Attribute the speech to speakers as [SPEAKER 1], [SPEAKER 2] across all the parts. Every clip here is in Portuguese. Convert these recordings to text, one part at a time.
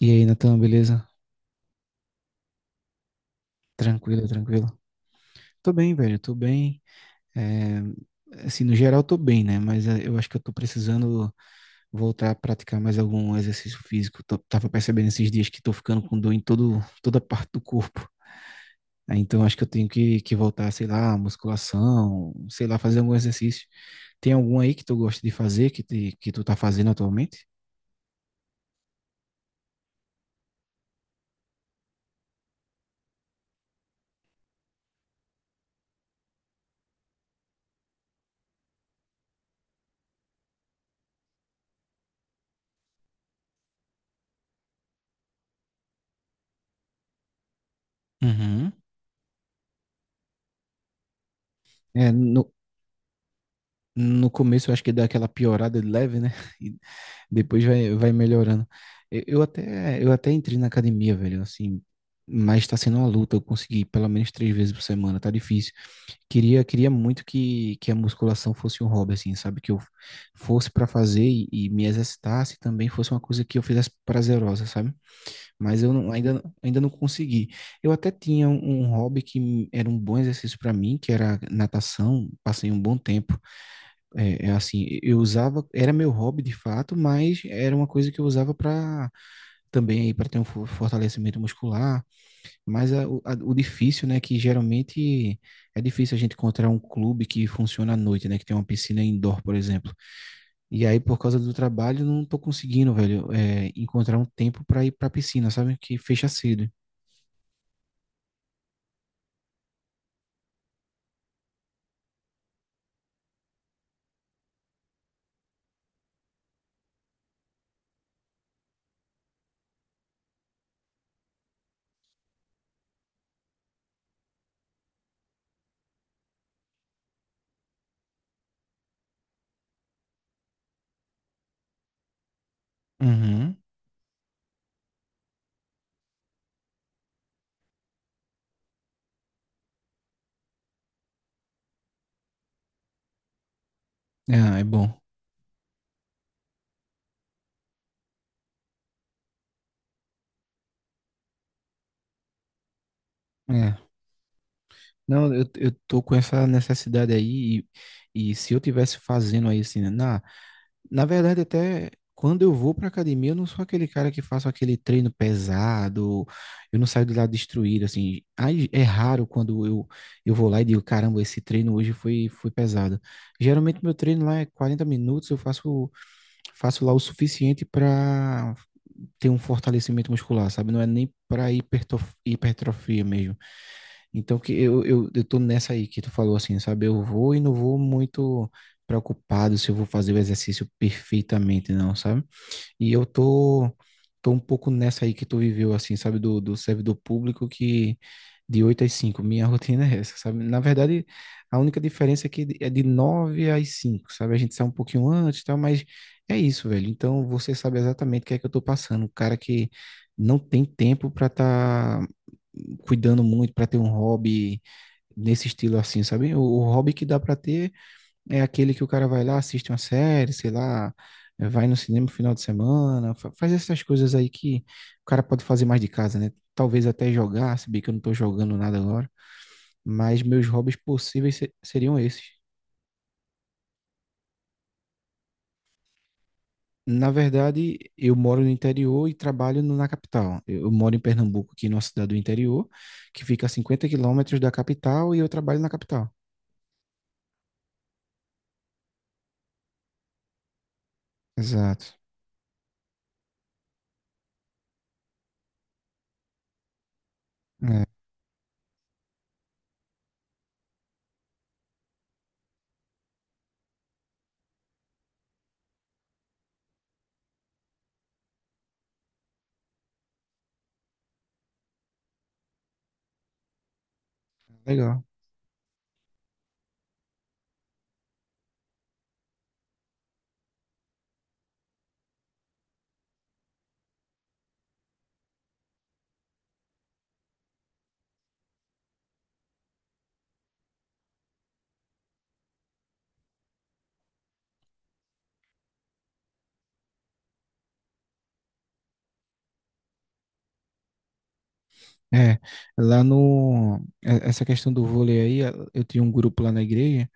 [SPEAKER 1] E aí, Natan, beleza? Tranquilo, tranquilo. Tô bem, velho, tô bem. É, assim, no geral, tô bem, né? Mas eu acho que eu tô precisando voltar a praticar mais algum exercício físico. Tava percebendo esses dias que tô ficando com dor em toda parte do corpo. Aí, então, acho que eu tenho que voltar, sei lá, musculação, sei lá, fazer algum exercício. Tem algum aí que tu gosta de fazer, que tu tá fazendo atualmente? Uhum. É, no, no começo eu acho que dá aquela piorada de leve, né? E depois vai melhorando. Eu até entrei na academia, velho, assim, mas tá sendo uma luta. Eu consegui pelo menos 3 vezes por semana, tá difícil. Queria muito que a musculação fosse um hobby, assim, sabe? Que eu fosse pra fazer e me exercitasse e também fosse uma coisa que eu fizesse prazerosa, sabe? Mas eu ainda não consegui. Eu até tinha um hobby que era um bom exercício para mim, que era natação. Passei um bom tempo. É assim, eu usava, era meu hobby de fato, mas era uma coisa que eu usava para também aí para ter um fortalecimento muscular. Mas o difícil, né, que geralmente é difícil a gente encontrar um clube que funciona à noite, né, que tem uma piscina indoor, por exemplo. E aí, por causa do trabalho, não tô conseguindo, velho, é, encontrar um tempo para ir para piscina, sabe? Que fecha cedo. Uhum. Ah, é bom. É. Não, eu tô com essa necessidade aí e se eu tivesse fazendo aí assim, na verdade até quando eu vou pra academia, eu não sou aquele cara que faço aquele treino pesado, eu não saio de lá destruído, assim. Aí é raro quando eu vou lá e digo, caramba, esse treino hoje foi pesado. Geralmente meu treino lá é 40 minutos, eu faço lá o suficiente pra ter um fortalecimento muscular, sabe? Não é nem pra hipertrofia mesmo. Então que eu tô nessa aí que tu falou assim, sabe? Eu vou e não vou muito preocupado se eu vou fazer o exercício perfeitamente, não, sabe? E tô um pouco nessa aí que tu viveu, assim, sabe? Do servidor público que de 8 às 5 minha rotina é essa, sabe? Na verdade, a única diferença é que é de 9 às 5, sabe? A gente sai um pouquinho antes e tal, mas é isso, velho. Então você sabe exatamente o que é que eu tô passando. O cara que não tem tempo para estar cuidando muito para ter um hobby nesse estilo assim, sabe? O hobby que dá para ter é aquele que o cara vai lá, assiste uma série, sei lá, vai no cinema no final de semana, faz essas coisas aí que o cara pode fazer mais de casa, né? Talvez até jogar, se bem que eu não tô jogando nada agora, mas meus hobbies possíveis seriam esses. Na verdade, eu moro no interior e trabalho na capital. Eu moro em Pernambuco, aqui numa cidade do interior, que fica a 50 quilômetros da capital, e eu trabalho na capital. Exato. Legal. É, lá no. é- Essa questão do vôlei aí, eu tinha um grupo lá na igreja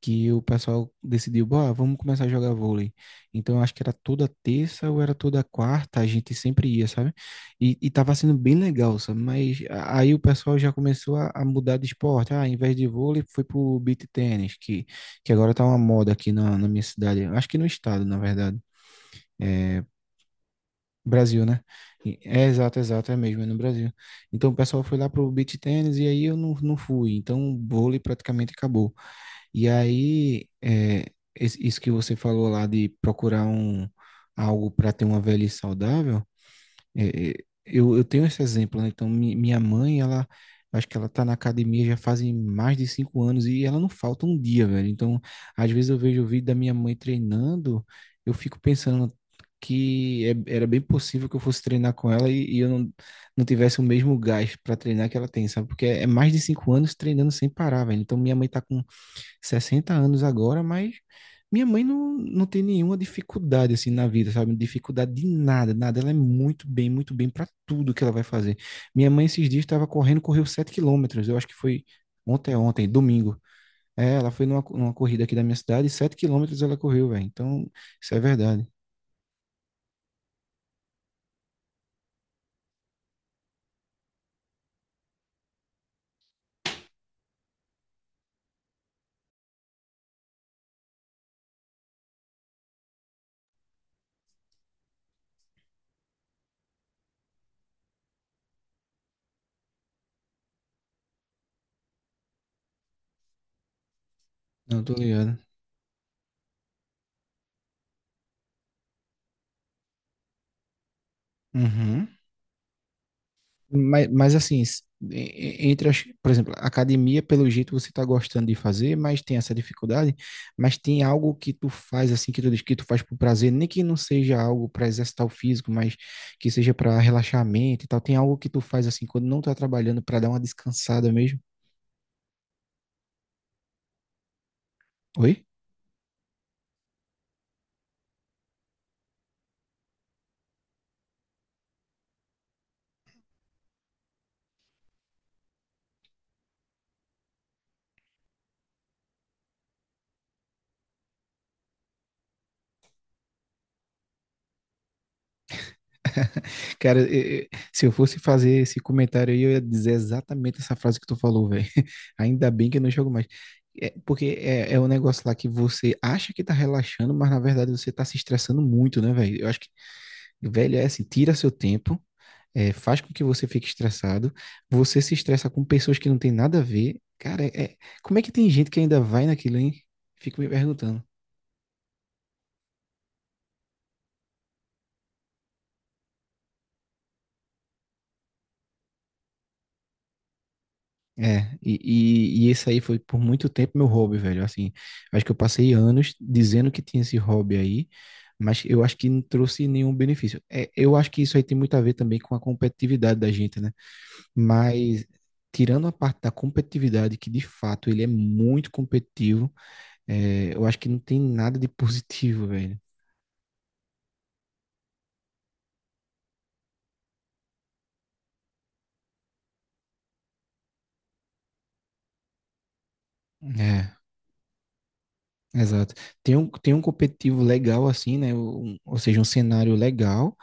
[SPEAKER 1] que o pessoal decidiu, "Bora, vamos começar a jogar vôlei." Então, eu acho que era toda terça ou era toda quarta, a gente sempre ia, sabe? E tava sendo bem legal, sabe? Mas aí o pessoal já começou a mudar de esporte. Ah, ao invés de vôlei, foi pro beach tennis, que agora tá uma moda aqui na minha cidade. Acho que no estado, na verdade. É, Brasil, né? É exato, exato, é mesmo, é no Brasil. Então o pessoal foi lá pro beach tennis e aí eu não, não fui. Então o vôlei praticamente acabou. E aí, é, isso que você falou lá de procurar algo para ter uma velhice saudável, é, é, eu tenho esse exemplo, né? Então, minha mãe, ela, acho que ela tá na academia já fazem mais de 5 anos e ela não falta um dia, velho. Então, às vezes eu vejo o vídeo da minha mãe treinando, eu fico pensando que era bem possível que eu fosse treinar com ela e eu não, não tivesse o mesmo gás para treinar que ela tem, sabe? Porque é mais de cinco anos treinando sem parar, velho. Então, minha mãe tá com 60 anos agora, mas minha mãe não, não tem nenhuma dificuldade assim na vida, sabe? Dificuldade de nada, nada. Ela é muito bem para tudo que ela vai fazer. Minha mãe esses dias estava correndo, correu 7 quilômetros. Eu acho que foi ontem, domingo. É, ela foi numa, numa corrida aqui da minha cidade, e 7 quilômetros ela correu, velho. Então, isso é verdade. Não, tô ligado. Uhum. Mas assim, entre por exemplo, a academia, pelo jeito você está gostando de fazer, mas tem essa dificuldade, mas tem algo que tu faz assim, que tu diz que tu faz por prazer, nem que não seja algo para exercitar o físico, mas que seja para relaxar a mente e tal. Tem algo que tu faz assim, quando não tá trabalhando, para dar uma descansada mesmo? Oi? Cara, se eu fosse fazer esse comentário aí, eu ia dizer exatamente essa frase que tu falou, velho. Ainda bem que eu não jogo mais. É, porque é um negócio lá que você acha que tá relaxando, mas na verdade você tá se estressando muito, né, velho? Eu acho que, velho, é assim, tira seu tempo, faz com que você fique estressado, você se estressa com pessoas que não tem nada a ver. Cara, como é que tem gente que ainda vai naquilo, hein? Fico me perguntando. É, e esse aí foi por muito tempo meu hobby, velho. Assim, acho que eu passei anos dizendo que tinha esse hobby aí, mas eu acho que não trouxe nenhum benefício. É, eu acho que isso aí tem muito a ver também com a competitividade da gente, né? Mas, tirando a parte da competitividade, que de fato ele é muito competitivo, é, eu acho que não tem nada de positivo, velho. É, exato. Tem tem um competitivo legal assim, né? Ou seja, um cenário legal.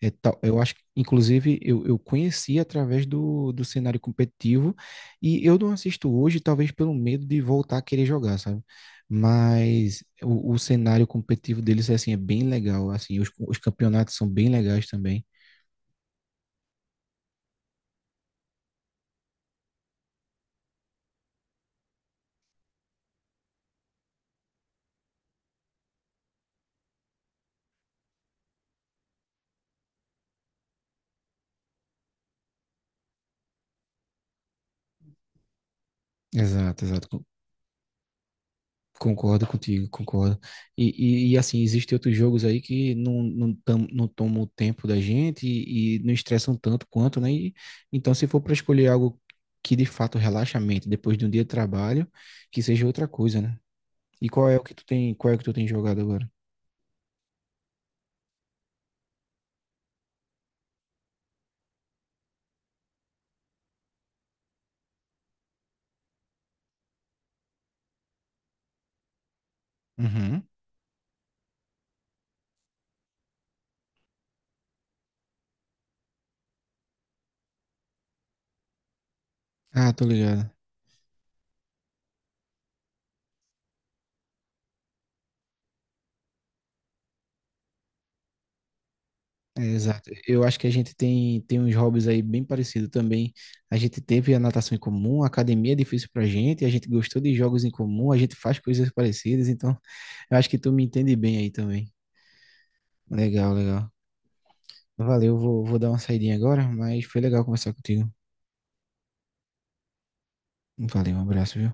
[SPEAKER 1] Eu acho que, inclusive, eu conheci através do cenário competitivo e eu não assisto hoje, talvez pelo medo de voltar a querer jogar, sabe? Mas o cenário competitivo deles, é assim, é bem legal, assim, os campeonatos são bem legais também. Exato, exato. Concordo contigo, concordo. Assim, existem outros jogos aí que não, não, tam- não tomam o tempo da gente e não estressam tanto quanto, né? E então, se for para escolher algo que de fato relaxa a mente depois de um dia de trabalho, que seja outra coisa, né? E qual é o que tu tem, qual é o que tu tem jogado agora? Uhum. Ah, tô ligado. É, exato. Eu acho que a gente tem uns hobbies aí bem parecidos também. A gente teve a natação em comum, a academia é difícil pra gente, a gente gostou de jogos em comum, a gente faz coisas parecidas, então eu acho que tu me entende bem aí também. Legal, legal. Valeu, vou dar uma saidinha agora, mas foi legal conversar contigo. Valeu, um abraço, viu?